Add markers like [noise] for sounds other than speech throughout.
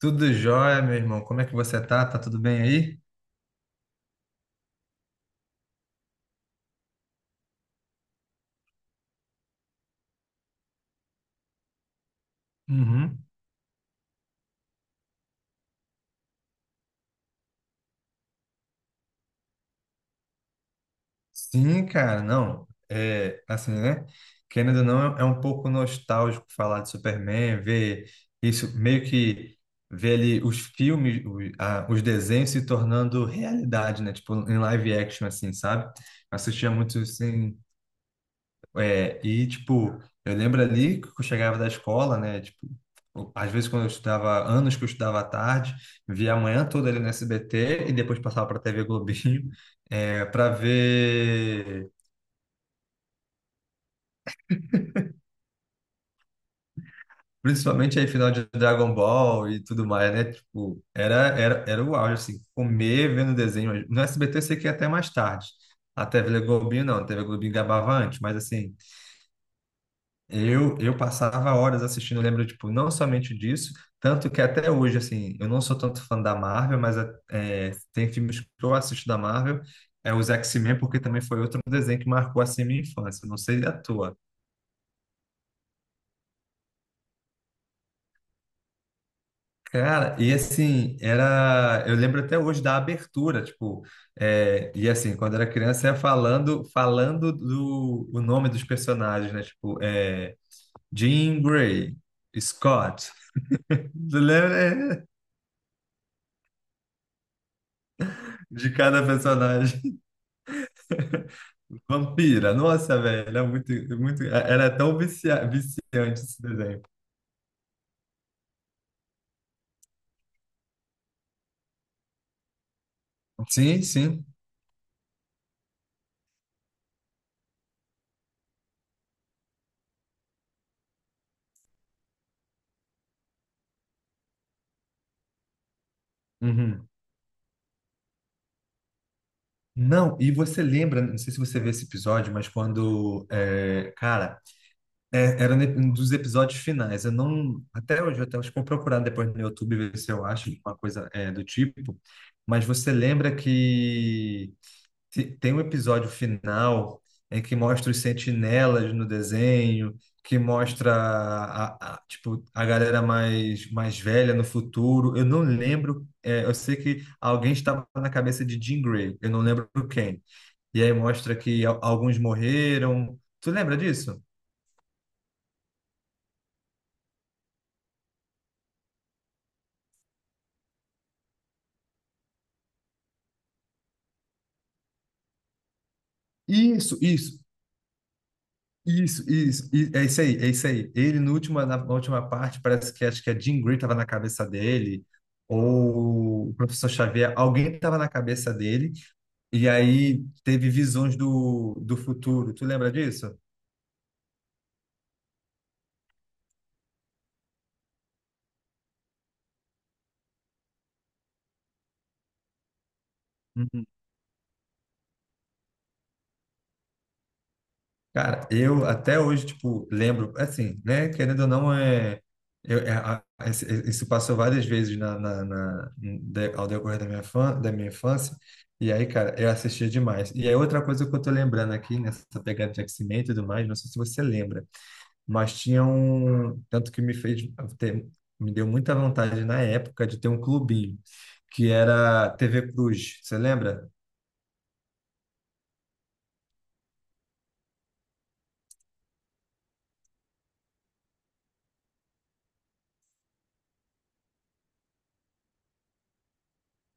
Tudo jóia, meu irmão. Como é que você tá? Tá tudo bem aí? Uhum. Sim, cara, não. É assim, né? Querendo ou não, é um pouco nostálgico falar de Superman, ver isso, meio que ver ali os filmes, os desenhos se tornando realidade, né? Tipo, em live action, assim, sabe? Assistia muito assim. É, e, tipo, eu lembro ali que eu chegava da escola, né? Tipo, às vezes quando eu estudava, anos que eu estudava à tarde, via a manhã toda ali no SBT e depois passava para a TV Globinho, [laughs] é, para ver principalmente aí final de Dragon Ball e tudo mais, né? Tipo, era o auge, assim, comer vendo desenho. No SBT eu sei que ia até mais tarde. A TV Globinho não, a TV Globinho gabava antes, mas assim, eu passava horas assistindo, eu lembro, tipo, não somente disso, tanto que até hoje, assim, eu não sou tanto fã da Marvel, mas é, tem filmes que eu assisto da Marvel, é os X-Men, porque também foi outro desenho que marcou, assim, minha infância, não sei a tua. Cara, e assim, era, eu lembro até hoje da abertura, tipo, é, e assim, quando era criança, ia falando o nome dos personagens, né, tipo, é, Jean Grey, Scott, [laughs] tu lembra? De cada personagem. [laughs] Vampira, nossa, velho, é muito, era tão viciante esse desenho. Sim, sim. Uhum. Não, e você lembra, não sei se você vê esse episódio, mas quando, é, cara, é, era um dos episódios finais, eu não, até hoje, eu até acho que vou procurar depois no YouTube ver se eu acho uma coisa é, do tipo, mas você lembra que Tem um episódio final em que mostra os sentinelas no desenho, que mostra tipo, a galera mais velha no futuro. Eu não lembro, é, eu sei que alguém estava na cabeça de Jean Grey, eu não lembro quem. E aí mostra que alguns morreram. Tu lembra disso? Isso, isso. É isso aí, é isso aí. Ele, no última, na última parte, parece que acho que a Jean Grey estava na cabeça dele, ou o professor Xavier, alguém estava na cabeça dele, e aí teve visões do futuro. Tu lembra disso? Cara, eu até hoje, tipo, lembro, assim, né, querendo ou não, é, eu, isso passou várias vezes ao decorrer da minha, fã, da minha infância, e aí, cara, eu assistia demais. E aí, outra coisa que eu tô lembrando aqui, nessa pegada de X-Men e tudo mais, não sei se você lembra, mas tinha um, tanto que me fez ter, me deu muita vontade na época de ter um clubinho, que era TV Cruz, você lembra?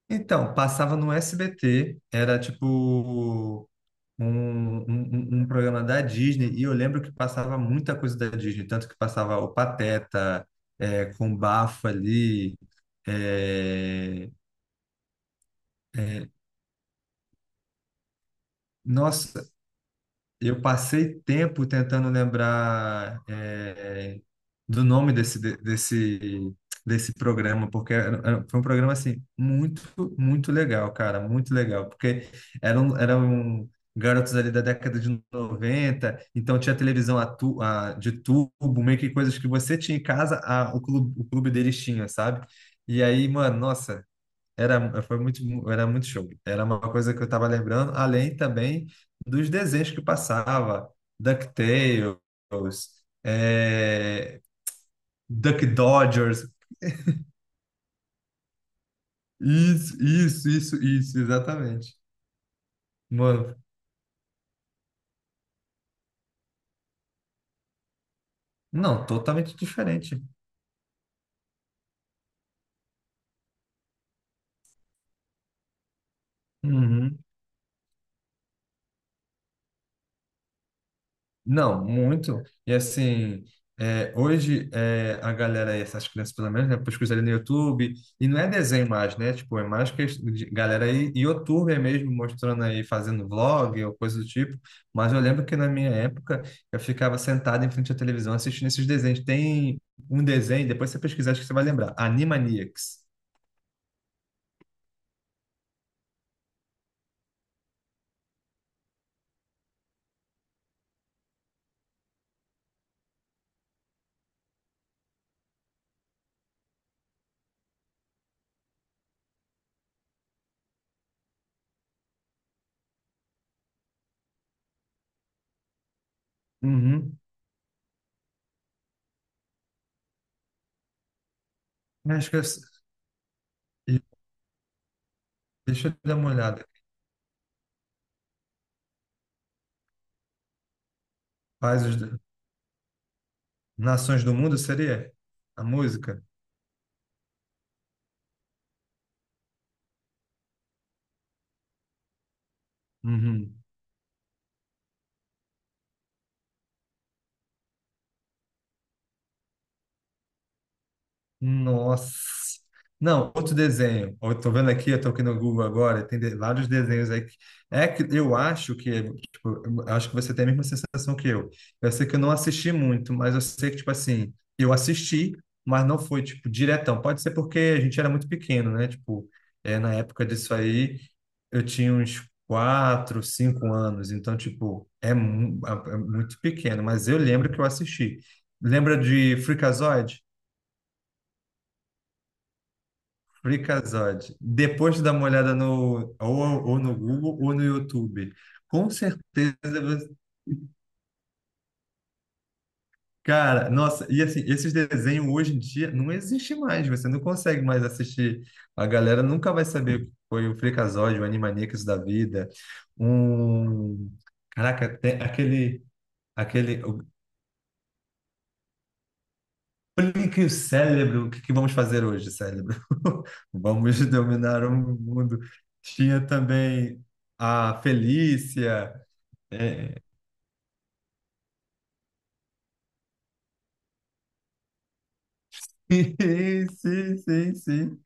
Então, passava no SBT, era tipo um programa da Disney e eu lembro que passava muita coisa da Disney, tanto que passava o Pateta é, com bafo ali. É, é, nossa, eu passei tempo tentando lembrar é, do nome desse programa, porque foi um programa assim muito, muito legal, cara, muito legal, porque eram garotos ali da década de noventa, então tinha televisão de tubo, meio que coisas que você tinha em casa, o clube deles tinha, sabe? E aí, mano, nossa, era, foi muito, era muito show. Era uma coisa que eu estava lembrando, além também dos desenhos que passava, DuckTales, é, Duck Dodgers, isso, exatamente. Mano, não, totalmente diferente. Uhum. Não, muito. E assim, é, hoje é, a galera, essas crianças pelo menos, né, pesquisa ali no YouTube, e não é desenho mais, né? Tipo, é mais que galera aí, YouTube mesmo, mostrando aí, fazendo vlog ou coisa do tipo. Mas eu lembro que na minha época eu ficava sentado em frente à televisão assistindo esses desenhos. Tem um desenho, depois você pesquisar, acho que você vai lembrar. Animaniacs. Uhum. Acho que eu, deixa eu dar uma olhada. Faz os Nações do Mundo, seria? A música? Uhum. Nossa. Não, outro desenho. Eu tô vendo aqui, eu tô aqui no Google agora, tem vários desenhos aí. É que eu acho que, tipo, eu acho que você tem a mesma sensação que eu. Eu sei que eu não assisti muito, mas eu sei que, tipo assim, eu assisti, mas não foi, tipo, diretão. Pode ser porque a gente era muito pequeno, né? Tipo, é, na época disso aí, eu tinha uns quatro, cinco anos. Então, tipo, é, é muito pequeno, mas eu lembro que eu assisti. Lembra de Freakazoid? Freakazoid. Depois de dar uma olhada no, ou no Google ou no YouTube, com certeza, você- cara, nossa, e assim, esses desenhos hoje em dia não existem mais, você não consegue mais assistir. A galera nunca vai saber o que foi o Freakazoid, o Animaniacs da vida, um... Caraca, tem aquele, aquele... Aplique o cérebro, o que que vamos fazer hoje, cérebro? [laughs] Vamos dominar o mundo. Tinha também a Felícia, é, [laughs] sim, sim, sim.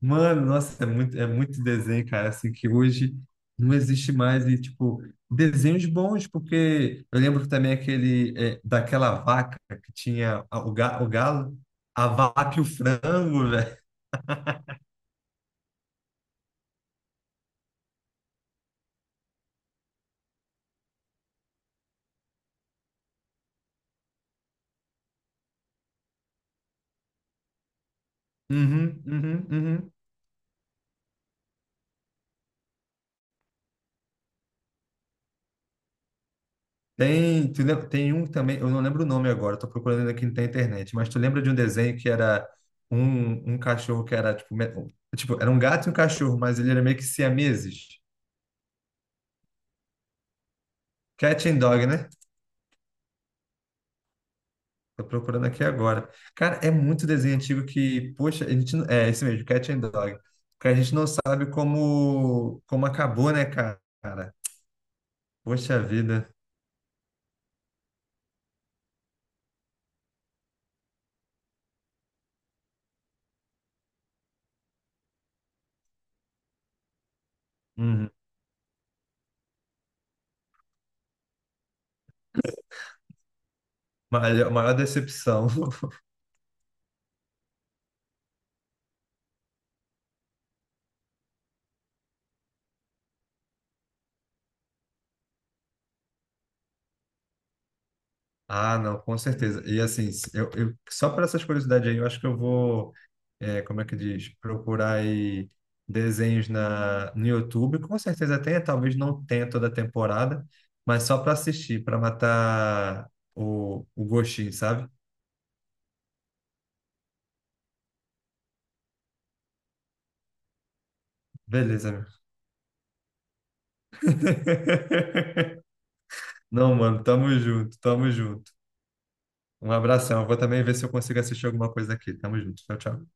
Mano, nossa, é muito desenho, cara, assim, que hoje não existe mais, e, tipo, desenhos bons, porque eu lembro também aquele, é, daquela vaca que tinha o galo, a vaca e o frango, velho. Uhum, uhum, uhum. Tem, tem um também, eu não lembro o nome agora, tô procurando aqui na internet, mas tu lembra de um desenho que era um, um cachorro que era, tipo, me- tipo, era um gato e um cachorro, mas ele era meio que siameses? Cat and Dog, né? Tô procurando aqui agora. Cara, é muito desenho antigo que, poxa, a gente, é esse mesmo, Cat and Dog. Porque a gente não sabe como, como acabou, né, cara? Poxa vida. Uhum. Maior, maior decepção. [laughs] Ah, não, com certeza. E assim, eu só para essas curiosidades aí, eu acho que eu vou, é, como é que diz, procurar aí desenhos na, no YouTube. Com certeza tem, talvez não tenha toda a temporada, mas só para assistir, para matar o gostinho, sabe? Beleza, meu. [laughs] Não, mano, tamo junto, tamo junto. Um abração. Eu vou também ver se eu consigo assistir alguma coisa aqui. Tamo junto. Tchau, tchau.